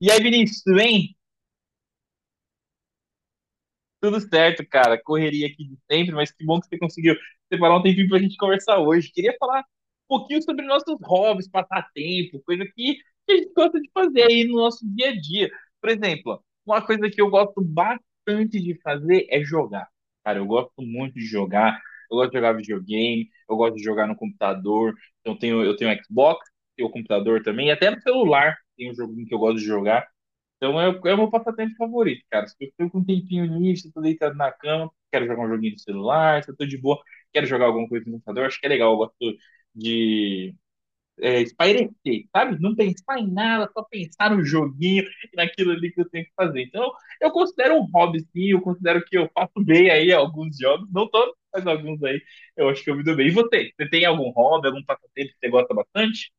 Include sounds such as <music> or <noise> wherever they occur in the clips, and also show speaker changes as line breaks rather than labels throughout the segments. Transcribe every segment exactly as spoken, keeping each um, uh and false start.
E aí, Vinícius, tudo bem? Tudo certo, cara. Correria aqui de sempre, mas que bom que você conseguiu separar um tempinho pra gente conversar hoje. Queria falar um pouquinho sobre nossos hobbies, passatempo, coisa que que a gente gosta de fazer aí no nosso dia a dia. Por exemplo, uma coisa que eu gosto bastante de fazer é jogar. Cara, eu gosto muito de jogar. Eu gosto de jogar videogame, eu gosto de jogar no computador. Então, eu tenho, eu tenho Xbox, tenho computador também, e até no celular tem um joguinho que eu gosto de jogar. Então é, o- é o meu passatempo favorito, cara. Se eu tô com um tempinho nisso, tô deitado na cama, quero jogar um joguinho no celular, se eu tô de boa, quero jogar alguma coisa no computador, acho que é legal, eu gosto de é, espairecer, sabe? Não pensar em nada, só pensar no joguinho e naquilo ali que eu tenho que fazer. Então, eu considero um hobby, sim, eu considero que eu faço bem aí alguns jogos, não todos, mas alguns aí eu acho que eu me dou bem. E você? Você tem algum hobby, algum passatempo que você gosta bastante?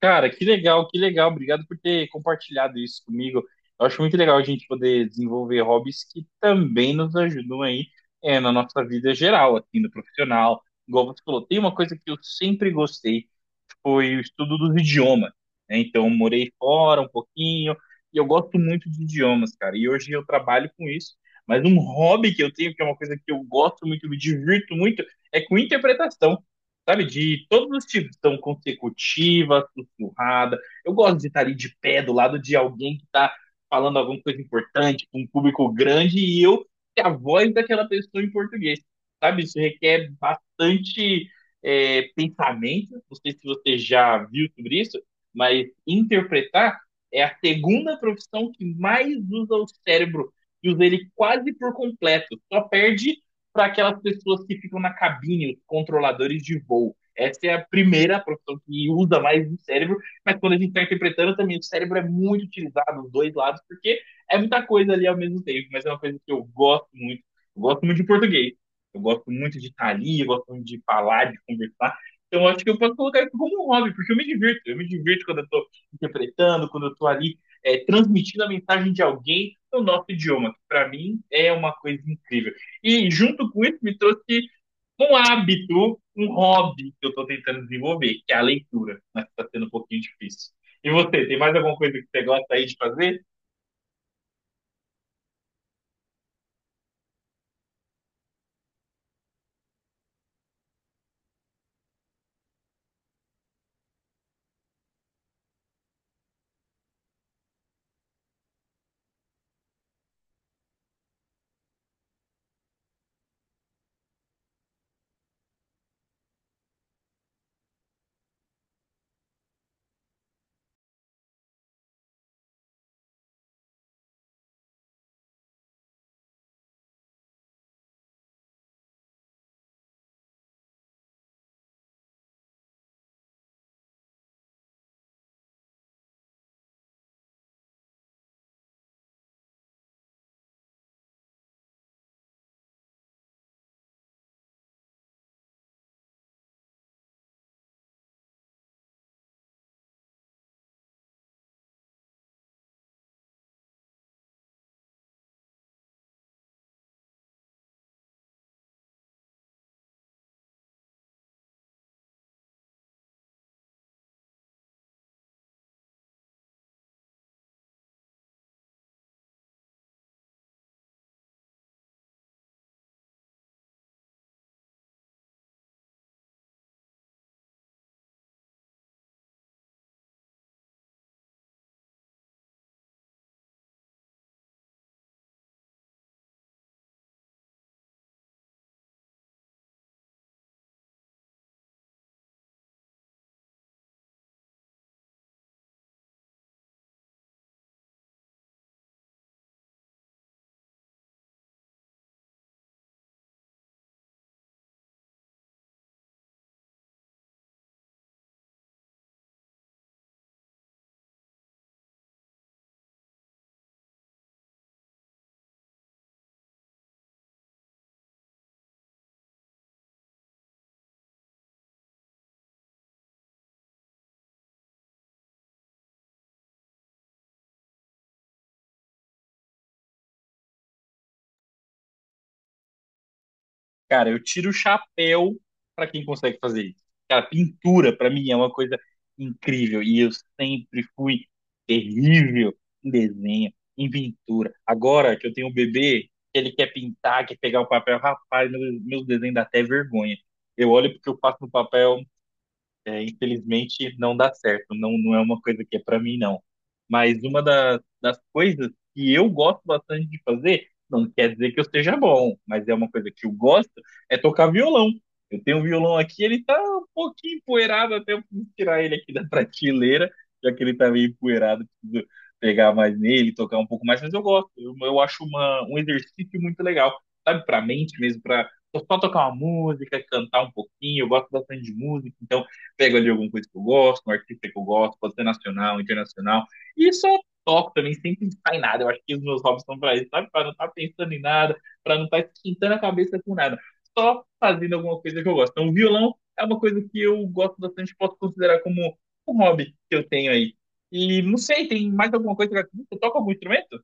Cara, que legal, que legal. Obrigado por ter compartilhado isso comigo. Eu acho muito legal a gente poder desenvolver hobbies que também nos ajudam aí, é, na nossa vida geral, assim, no profissional. Igual você falou, tem uma coisa que eu sempre gostei, foi o estudo dos idiomas, né? Então, eu morei fora um pouquinho e eu gosto muito de idiomas, cara. E hoje eu trabalho com isso. Mas um hobby que eu tenho, que é uma coisa que eu gosto muito, me divirto muito, é com interpretação, sabe? De todos os tipos. Então, consecutiva, sussurrada. Eu gosto de estar ali de pé do lado de alguém que está falando alguma coisa importante, com um público grande, e eu ser a voz daquela pessoa em português, sabe? Isso requer bastante é, pensamento, não sei se você já viu sobre isso, mas interpretar é a segunda profissão que mais usa o cérebro e usa ele quase por completo. Só perde para aquelas pessoas que ficam na cabine, os controladores de voo. Essa é a primeira profissão que usa mais o cérebro, mas quando a gente está interpretando também, o cérebro é muito utilizado, os dois lados, porque é muita coisa ali ao mesmo tempo, mas é uma coisa que eu gosto muito. Eu gosto muito de português. Eu gosto muito de estar ali, eu gosto muito de falar, de conversar. Então, eu acho que eu posso colocar isso como um hobby, porque eu me divirto. Eu me divirto quando eu estou interpretando, quando eu estou ali é, transmitindo a mensagem de alguém no nosso idioma, que para mim é uma coisa incrível. E junto com isso, me trouxe um hábito, um hobby que eu estou tentando desenvolver, que é a leitura, mas está sendo um pouquinho difícil. E você, tem mais alguma coisa que você gosta aí de fazer? Cara, eu tiro o chapéu pra quem consegue fazer isso. Cara, pintura pra mim é uma coisa incrível e eu sempre fui terrível em desenho, em pintura. Agora que eu tenho um bebê, que ele quer pintar, quer pegar o papel, rapaz, meu, meu desenho dá até vergonha. Eu olho porque eu passo no papel, é, infelizmente não dá certo, não, não é uma coisa que é para mim, não. Mas uma da- das coisas que eu gosto bastante de fazer, não quer dizer que eu seja bom, mas é uma coisa que eu gosto, é tocar violão. Eu tenho um violão aqui, ele tá um pouquinho empoeirado, até eu preciso tirar ele aqui da <laughs> prateleira, já que ele tá meio empoeirado, preciso pegar mais nele, tocar um pouco mais, mas eu gosto, eu, eu acho uma, um exercício muito legal, sabe, pra mente mesmo, pra só tocar uma música, cantar um pouquinho, eu gosto bastante de música, então pego ali alguma coisa que eu gosto, um artista que eu gosto, pode ser nacional, internacional, e só toco também, sem pensar em nada. Eu acho que os meus hobbies são pra isso, sabe? Pra não estar tá pensando em nada, pra não estar tá esquentando a cabeça com nada. Só fazendo alguma coisa que eu gosto. Então, o violão é uma coisa que eu gosto bastante, posso considerar como um hobby que eu tenho aí. E não sei, tem mais alguma coisa que você toca algum instrumento?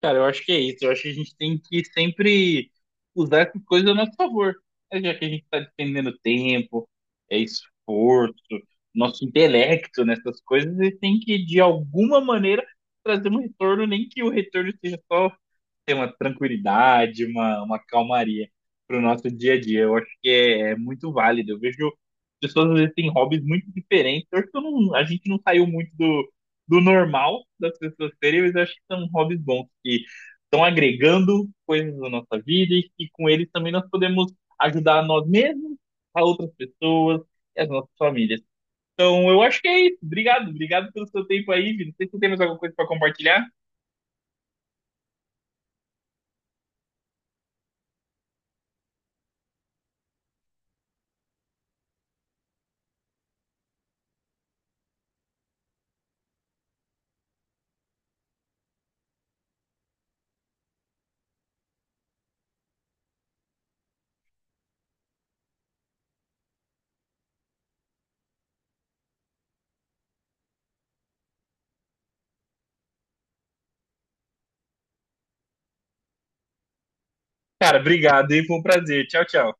Cara, eu acho que é isso. Eu acho que a gente tem que sempre usar essas coisas a nosso favor. Né? Já que a gente está despendendo tempo, é esforço, nosso intelecto nessas coisas, e tem que, de alguma maneira, trazer um retorno, nem que o retorno seja só ter uma tranquilidade, uma, uma calmaria para o nosso dia a dia. Eu acho que é, é muito válido. Eu vejo pessoas às vezes têm hobbies muito diferentes. Eu acho que eu não, a gente não saiu muito do, do normal das pessoas terem, mas eu acho que são hobbies bons que estão agregando coisas na nossa vida e que com eles também nós podemos ajudar nós mesmos, a outras pessoas e as nossas famílias. Então eu acho que é isso. Obrigado, obrigado pelo seu tempo aí, Vini. Não sei se você tem mais alguma coisa para compartilhar. Cara, obrigado e foi um prazer. Tchau, tchau.